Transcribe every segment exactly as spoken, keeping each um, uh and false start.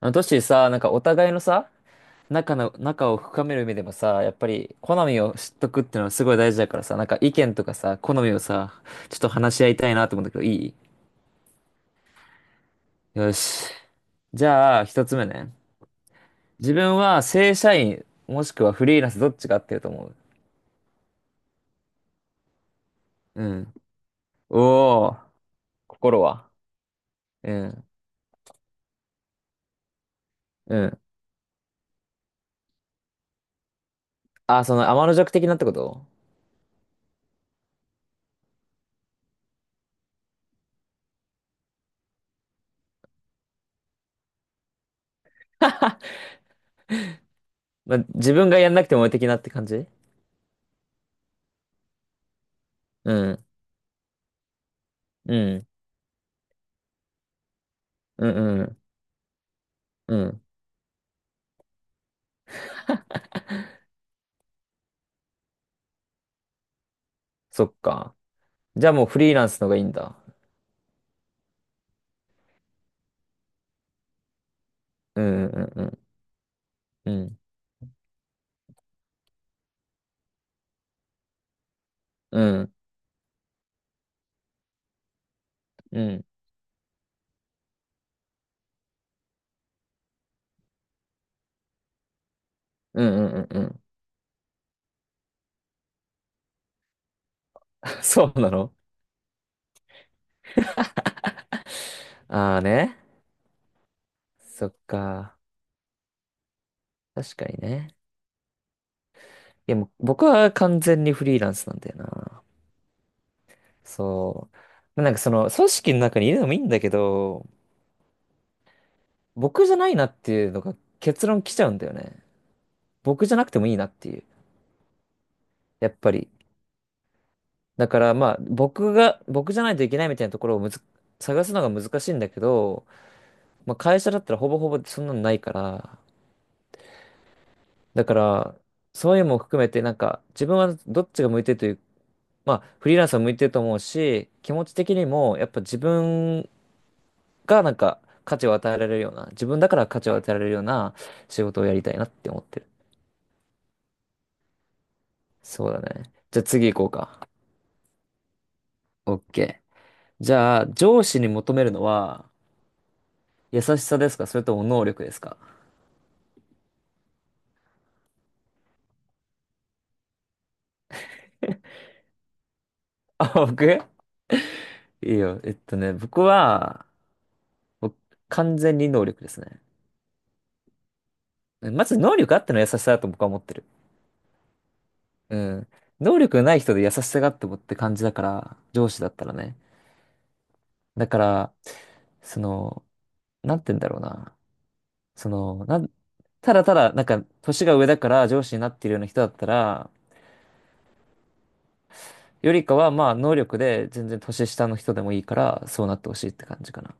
あの、トッシーさ、なんかお互いのさ、仲の、仲を深める意味でもさ、やっぱり好みを知っとくっていうのはすごい大事だからさ、なんか意見とかさ、好みをさ、ちょっと話し合いたいなと思うんだけど、いい？よし。じゃあ、ひとつめね。自分は正社員、もしくはフリーランスどっちが合ってると思う？うん。おー、心は？うん、うん。あ、その天の弱的なってこと？ まあ、自分がやんなくても的なって感じ？うん、うん、うん、うん、うん。そっか。じゃあもうフリーランスの方がいいんだ。うんうんうんうん。うんうんうんうんうんうん。そうなの？ ああね。そっか。確かにね。いやもう僕は完全にフリーランスなんだよな。そう。なんかその組織の中にいるのもいいんだけど、僕じゃないなっていうのが結論来ちゃうんだよね。僕じゃなくてもいいなっていう。やっぱり。だからまあ僕が、僕じゃないといけないみたいなところをむず、探すのが難しいんだけど、まあ、会社だったらほぼほぼそんなのないから、だから、そういうのも含めて、なんか、自分はどっちが向いてるという、まあ、フリーランスは向いてると思うし、気持ち的にも、やっぱ自分がなんか、価値を与えられるような、自分だから価値を与えられるような仕事をやりたいなって思ってる。そうだね。じゃあ次行こうか。OK。じゃあ、上司に求めるのは、優しさですか、それとも能力ですか？あ、僕、いいよ。えっとね、僕は、僕完全に能力ですね。まず能力あっての優しさだと僕は思ってる。うん。能力がない人で優しさがあってもって感じだから、上司だったらね。だから、その、なんて言うんだろうな。その、なん、ただただ、なんか、年が上だから上司になっているような人だったら、よりかは、まあ、能力で全然年下の人でもいいから、そうなってほしいって感じかな。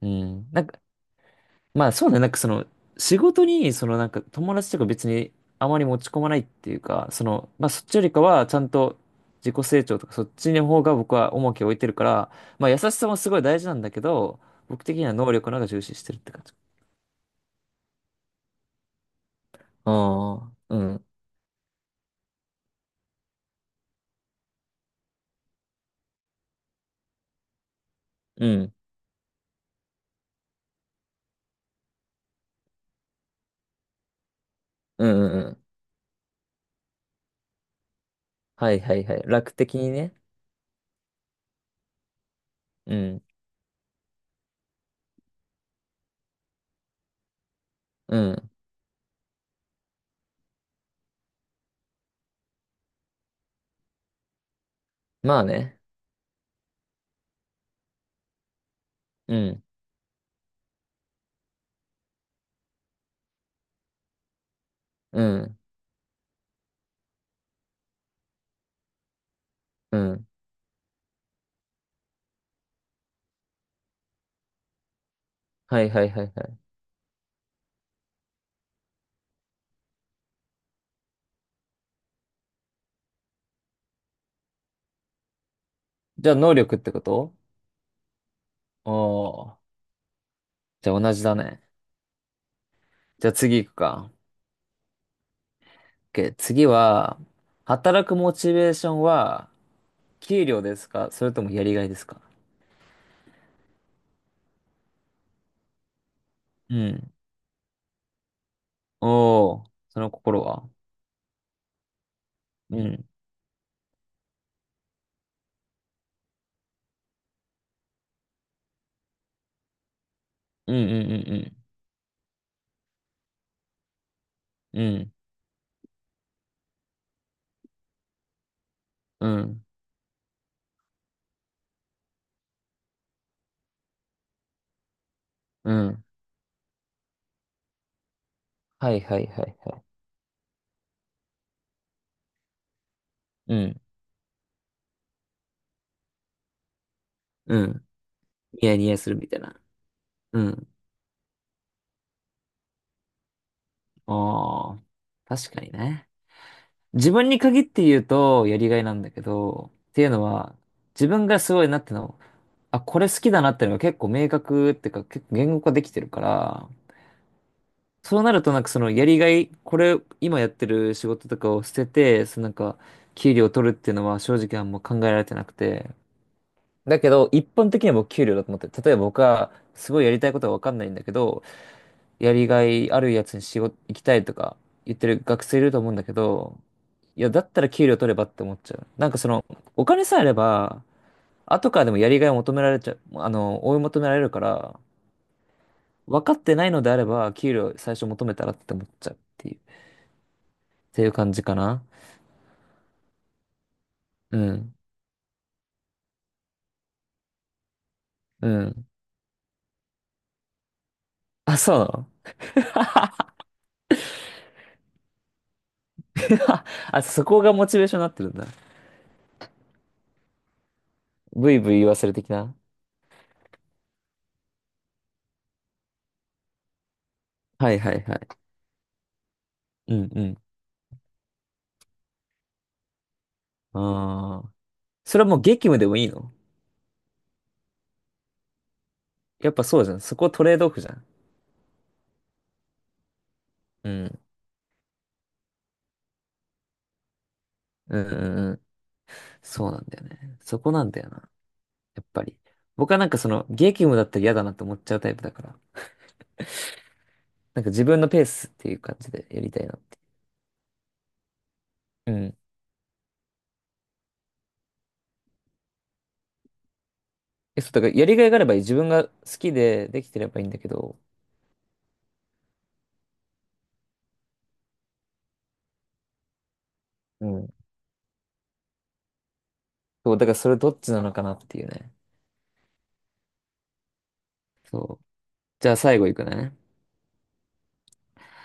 うん。なんか、まあそうね、なんかその、仕事に、そのなんか友達とか別にあまり持ち込まないっていうか、その、まあそっちよりかはちゃんと自己成長とかそっちの方が僕は重きを置いてるから、まあ優しさもすごい大事なんだけど、僕的には能力の方が重視してるって感じ。ああ、うん、うん、うん、うん。うん、はいはいはい。楽的にね。うん、うん。まあね。うん、うん、うん。はいはいはいはい。じゃあ能力ってこと？おー。じゃあ同じだね。じゃあ次行くか。OK、次は、働くモチベーションは、給料ですか、それともやりがいですか？うん。おー、その心は？うん。うんうんうんうん。うん。うん。うん。はいはいはいはい。うん。うん。ニヤニヤするみたいな。うん。ああ、確かにね。自分に限って言うと、やりがいなんだけど、っていうのは、自分がすごいなっての、あ、これ好きだなってのが結構明確っていうか、結構言語化できてるから、そうなるとなんかそのやりがい、これ今やってる仕事とかを捨てて、そのなんか給料を取るっていうのは正直あんま考えられてなくて。だけど一般的には僕給料だと思って、例えば僕はすごいやりたいことはわかんないんだけど、やりがいあるやつに仕事行きたいとか言ってる学生いると思うんだけど、いや、だったら給料取ればって思っちゃう。なんかそのお金さえあれば、後からでもやりがいを求められちゃう、あの、追い求められるから、分かってないのであれば給料最初求めたらって思っちゃうっていう。ていう感じかな。うん。うん。あ、そうなの？ あ、そこがモチベーションになってるんだ。ブイブイ言わせる的な。はいはいはい。うんうん。ああ。それはもう激務でもいいの？やっぱそうじゃん。そこトレードオフじゃん。うん。うんうんうん。そうなんだよね。そこなんだよな。やっぱり。僕はなんかその激務だったら嫌だなって思っちゃうタイプだから。なんか自分のペースっていう感じでやりたいなって。うん。え、そう、だからやりがいがあればいい。自分が好きでできてればいいんだけど。うん、そう、だからそれどっちなのかなっていうね。そう。じゃあ最後いくね。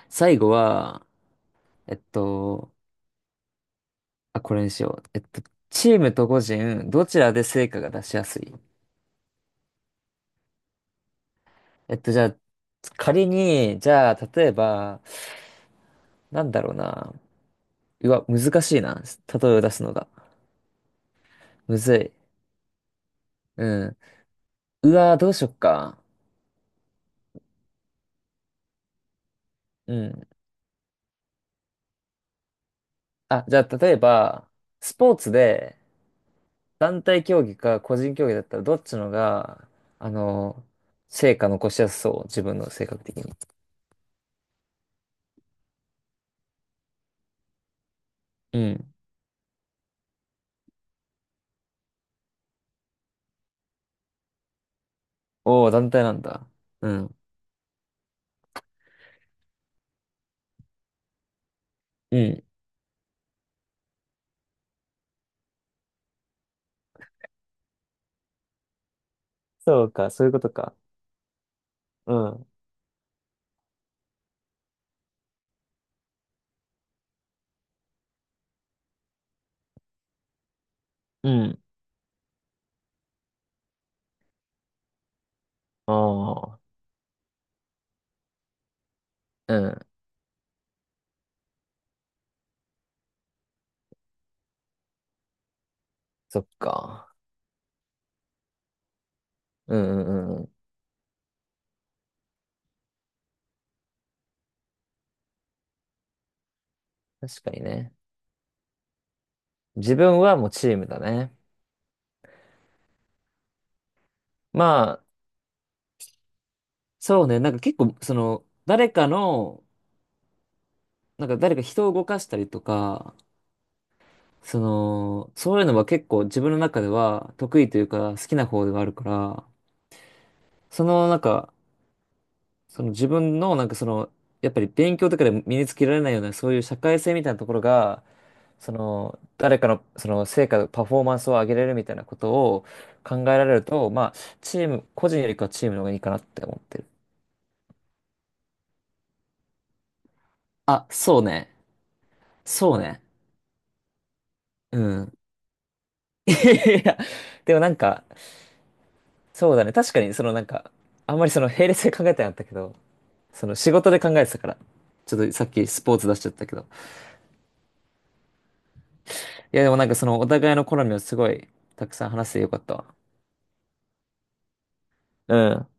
最後は、えっと、あ、これにしよう。えっと、チームと個人、どちらで成果が出しやすい？えっと、じゃあ、仮に、じゃあ、例えば、なんだろうな。うわ、難しいな。例えを出すのが。むずい。うん。うわ、どうしよっか。うん。あ、じゃあ、例えば、スポーツで、団体競技か個人競技だったらどっちのが、あの、成果残しやすそう、自分の性格的に。うん。おお、団体なんだ。うん。うん。そうか、そういうことか。うん。うん。ああ。うん。そっか。うんうんうんうん。確かにね。自分はもうチームだね。まあ、そうね。なんか結構、その、誰かの、なんか誰か人を動かしたりとか、その、そういうのは結構自分の中では得意というか好きな方ではあるから、そのなんか、その自分のなんかその、やっぱり勉強とかで身につけられないようなそういう社会性みたいなところが、その、誰かのその成果、パフォーマンスを上げれるみたいなことを考えられると、まあ、チーム、個人よりかはチームの方がいいかなって思ってる。あ、そうね。そうね。うん。いや、でもなんか、そうだね。確かにそのなんか、あんまりその並列で考えてなかったけど、その仕事で考えてたから。ちょっとさっきスポーツ出しちゃったけど。いやでもなんかそのお互いの好みをすごいたくさん話してよかったわ。うん。